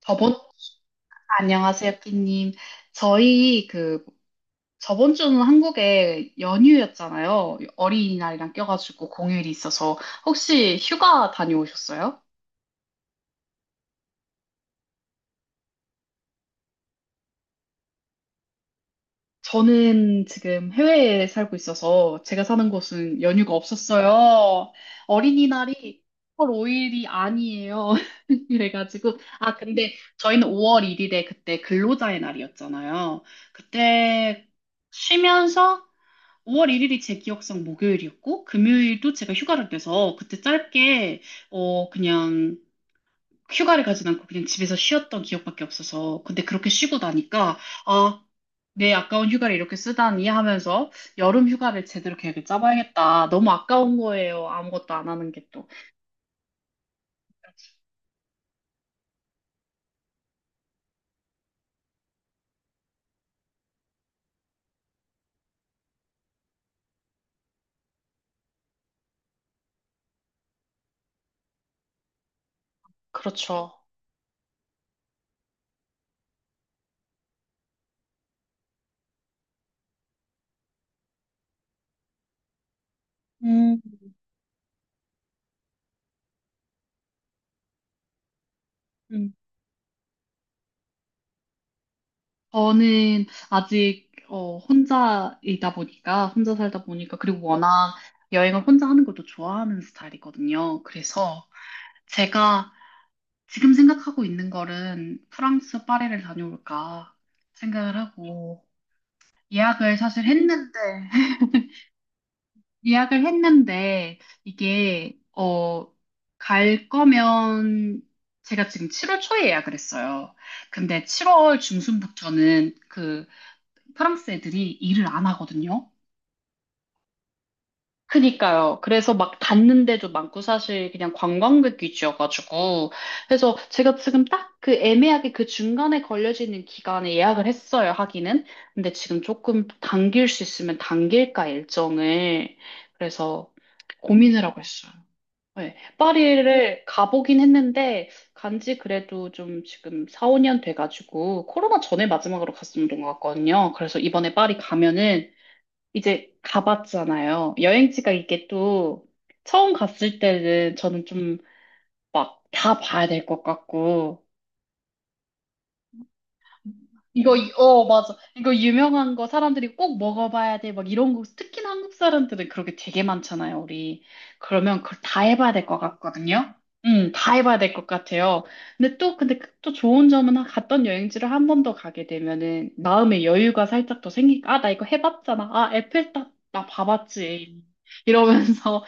저번, 안녕하세요, 끼님. 저희 저번 주는 한국에 연휴였잖아요. 어린이날이랑 껴가지고 공휴일이 있어서. 혹시 휴가 다녀오셨어요? 저는 지금 해외에 살고 있어서 제가 사는 곳은 연휴가 없었어요. 어린이날이 5월 5일이 아니에요. 그래가지고, 아, 근데 저희는 5월 1일에 그때 근로자의 날이었잖아요. 그때 쉬면서 5월 1일이 제 기억상 목요일이었고, 금요일도 제가 휴가를 내서 그때 짧게, 그냥 휴가를 가진 않고 그냥 집에서 쉬었던 기억밖에 없어서. 근데 그렇게 쉬고 나니까, 아, 내 아까운 휴가를 이렇게 쓰다니 하면서 여름 휴가를 제대로 계획을 짜봐야겠다. 너무 아까운 거예요. 아무것도 안 하는 게 또. 그렇죠. 음, 음. 저는 아직 혼자이다 보니까 혼자 살다 보니까 그리고 워낙 여행을 혼자 하는 것도 좋아하는 스타일이거든요. 그래서 제가 지금 생각하고 있는 거는 프랑스 파리를 다녀올까 생각을 하고 예약을 사실 했는데 예약을 했는데 이게 갈 거면 제가 지금 7월 초에 예약을 했어요. 근데 7월 중순부터는 그 프랑스 애들이 일을 안 하거든요. 그니까요. 그래서 막 닿는데도 많고 사실 그냥 관광객 위주여가지고. 그래서 제가 지금 딱 그 애매하게 그 중간에 걸려지는 기간에 예약을 했어요, 하기는. 근데 지금 조금 당길 수 있으면 당길까, 일정을. 그래서 고민을 하고 있어요. 네. 파리를 가보긴 했는데, 간지 그래도 좀 지금 4, 5년 돼가지고, 코로나 전에 마지막으로 갔었던 것 같거든요. 그래서 이번에 파리 가면은 이제 가봤잖아요. 여행지가 이게 또 처음 갔을 때는 저는 좀 막 다 봐야 될 것 같고 맞아. 이거 유명한 거 사람들이 꼭 먹어봐야 돼. 막 이런 거, 특히 한국 사람들은 그렇게 되게 많잖아요, 우리. 그러면 그걸 다 해봐야 될 것 같거든요? 다 해봐야 될 것 같아요. 근데 또, 근데 그또 좋은 점은 갔던 여행지를 한 번 더 가게 되면은 마음의 여유가 살짝 더 생기니까, 아, 나 이거 해봤잖아. 아, 에펠탑, 나 봐봤지. 이러면서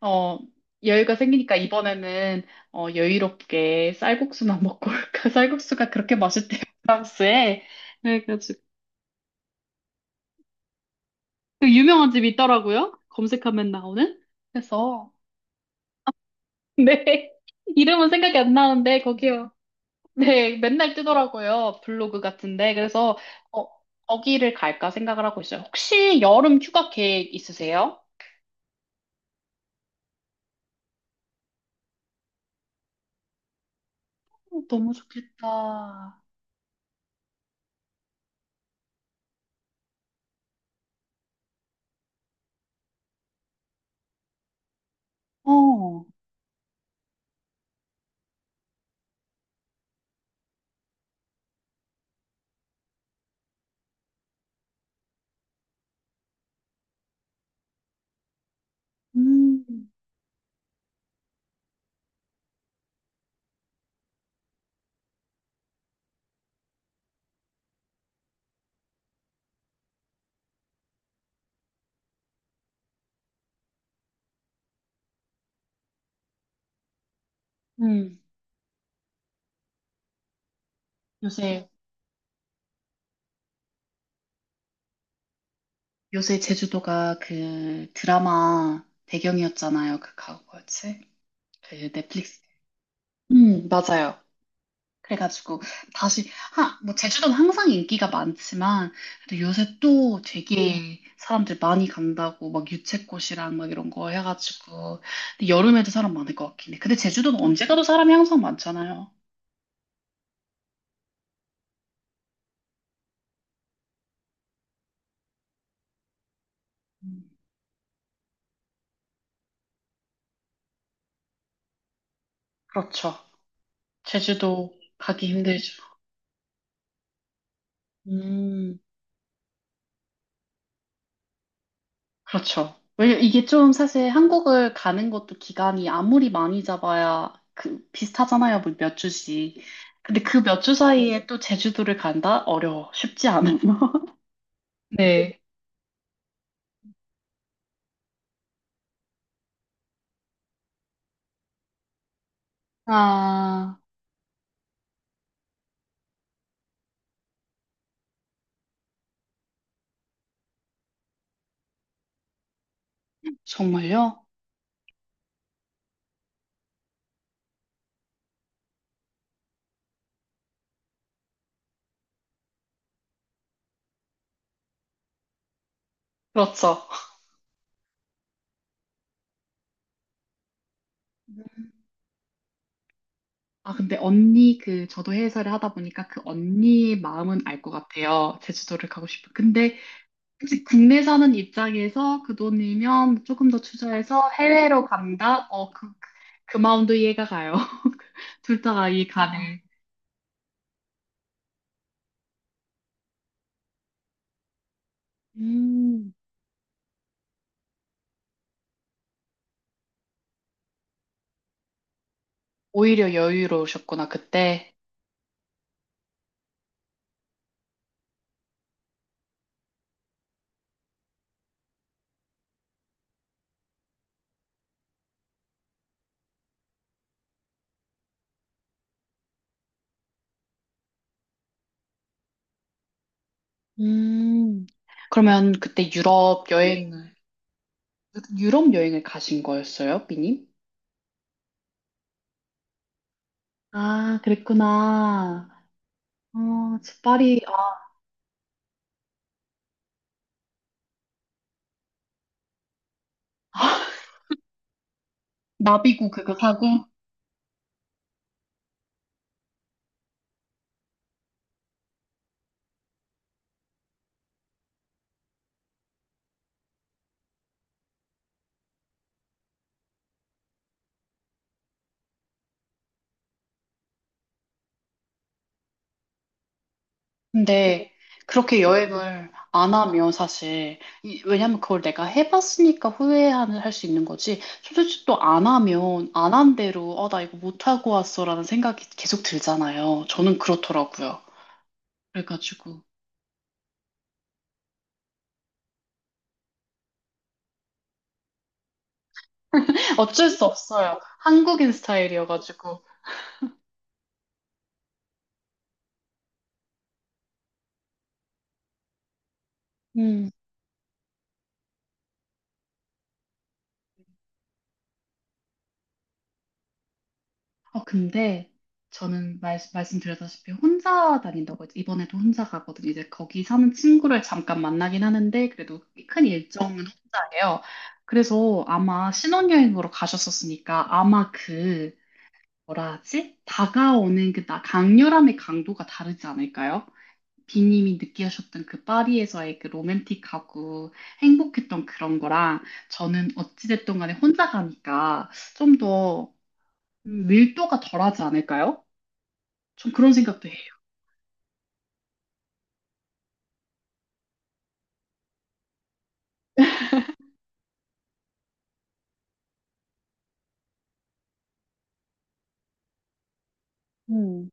어, 여유가 생기니까 이번에는 여유롭게 쌀국수만 먹고 올까? 쌀국수가 그렇게 맛있대요, 프랑스에. 네, 그래서 그 유명한 집이 있더라고요. 검색하면 나오는. 그래서 네, 이름은 생각이 안 나는데 거기요. 네, 맨날 뜨더라고요. 블로그 같은데. 그래서 어, 거기를 갈까 생각을 하고 있어요. 혹시 여름 휴가 계획 있으세요? 어, 너무 좋겠다. 어, 음, 음, 요새. 요새 제주도가 그 드라마 배경이었잖아요. 뭐였지? 그 넷플릭스. 맞아요. 그래가지고 다시 뭐 제주도는 항상 인기가 많지만 그래도 요새 또 되게 사람들 많이 간다고 막 유채꽃이랑 막 이런 거 해가지고 근데 여름에도 사람 많을 것 같긴 해. 근데 제주도는 언제 가도 사람이 항상 많잖아요. 음, 그렇죠. 제주도 가기 힘들죠. 음. 그렇죠. 왜냐 이게 좀 사실 한국을 가는 것도 기간이 아무리 많이 잡아야 그 비슷하잖아요. 뭐몇 주씩. 근데 그 몇 주 사이에 또 제주도를 간다? 어려워. 쉽지 않아요. 네. 아, 정말요? 그렇죠. 아, 근데 언니 저도 해외사를 하다 보니까 그 언니의 마음은 알 것 같아요. 제주도를 가고 싶어. 근데 혹시 국내 사는 입장에서 그 돈이면 조금 더 투자해서 해외로 간다? 그 마음도 이해가 가요. 둘 다가 이 간을. 음, 오히려 여유로우셨구나, 그때. 음. 그러면 그때 유럽 여행을 가신 거였어요, 비님? 아, 그랬구나. 어, 저 파리, 아, 나비고 그거 사고? 근데 그렇게 여행을 안 하면 사실 왜냐면 그걸 내가 해봤으니까 후회하는 할 수 있는 거지 솔직히 또 안 하면 안 한 대로 나 이거 못하고 왔어라는 생각이 계속 들잖아요. 저는 그렇더라고요. 그래가지고 어쩔 수 없어요, 한국인 스타일이어가지고. 음. 근데 저는 말씀드렸다시피 혼자 다닌다고 했죠. 이번에도 혼자 가거든요. 이제 거기 사는 친구를 잠깐 만나긴 하는데 그래도 큰 일정은 혼자예요. 그래서 아마 신혼여행으로 가셨었으니까 아마 그 뭐라 하지? 다가오는 그 강렬함의 강도가 다르지 않을까요? 비님이 느끼셨던 그 파리에서의 그 로맨틱하고 행복했던 그런 거랑 저는 어찌됐든 간에 혼자 가니까 좀더 밀도가 덜하지 않을까요? 좀 그런 생각도 해요. 음.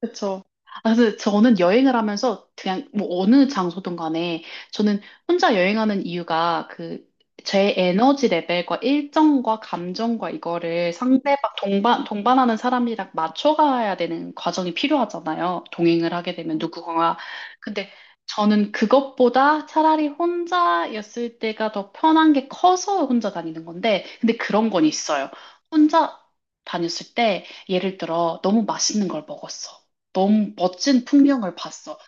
그쵸. 아, 근데 저는 여행을 하면서 그냥 뭐 어느 장소든 간에 저는 혼자 여행하는 이유가 그 제 에너지 레벨과 일정과 감정과 이거를 상대방 동반하는 사람이랑 맞춰가야 되는 과정이 필요하잖아요. 동행을 하게 되면 누구가. 근데 저는 그것보다 차라리 혼자였을 때가 더 편한 게 커서 혼자 다니는 건데 근데 그런 건 있어요. 혼자 다녔을 때 예를 들어 너무 맛있는 걸 먹었어. 너무 멋진 풍경을 봤어.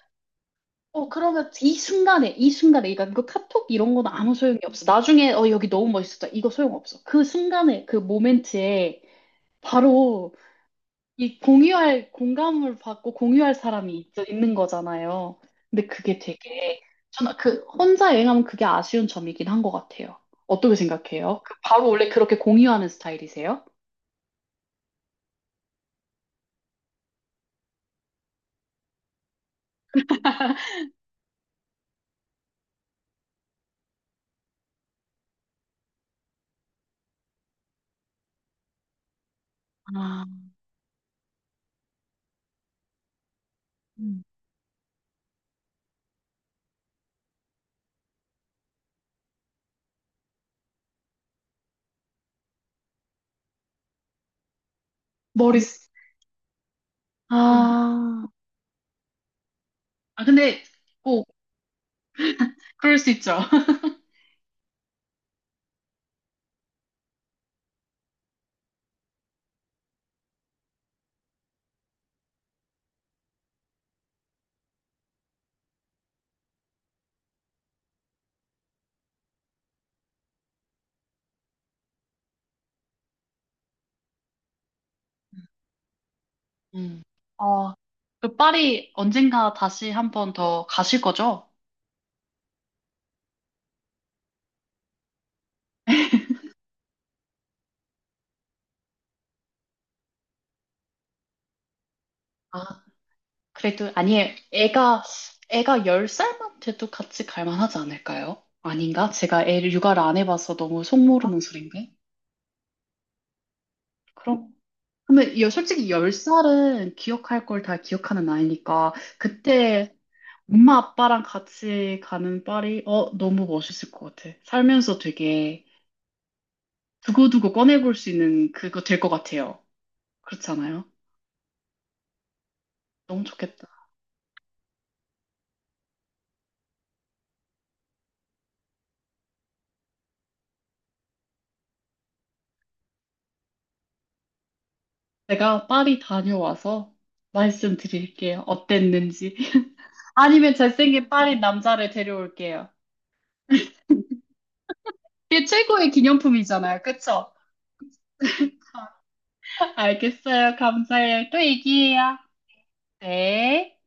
그러면 이 순간에, 이 순간에, 그러니까 이거 카톡 이런 건 아무 소용이 없어. 나중에, 여기 너무 멋있었다. 이거 소용없어. 그 순간에, 그 모멘트에 바로 이 공유할 공감을 받고 공유할 사람이 있는 거잖아요. 근데 그게 되게, 저는 혼자 여행하면 그게 아쉬운 점이긴 한 것 같아요. 어떻게 생각해요? 바로 원래 그렇게 공유하는 스타일이세요? 아, 음. 머리, 쓰- 아, 아, 근데 꼭 그럴 수 있죠. 음. 어, 그 파리 언젠가 다시 한 번 더 가실 거죠? 아, 그래도 아니에요. 애가 10살만 돼도 같이 갈 만하지 않을까요? 아닌가? 제가 애를 육아를 안 해봐서 너무 속모르는 소린데. 그럼 근데 솔직히 10살은 기억할 걸 다 기억하는 나이니까 그때 엄마 아빠랑 같이 가는 파리 너무 멋있을 것 같아. 살면서 되게 두고두고 꺼내볼 수 있는 그거 될 것 같아요. 그렇지 않아요? 너무 좋겠다. 제가 파리 다녀와서 말씀드릴게요. 어땠는지. 아니면 잘생긴 파리 남자를 데려올게요. 그게 최고의 기념품이잖아요. 그쵸? 알겠어요. 감사해요. 또 얘기해요. 네.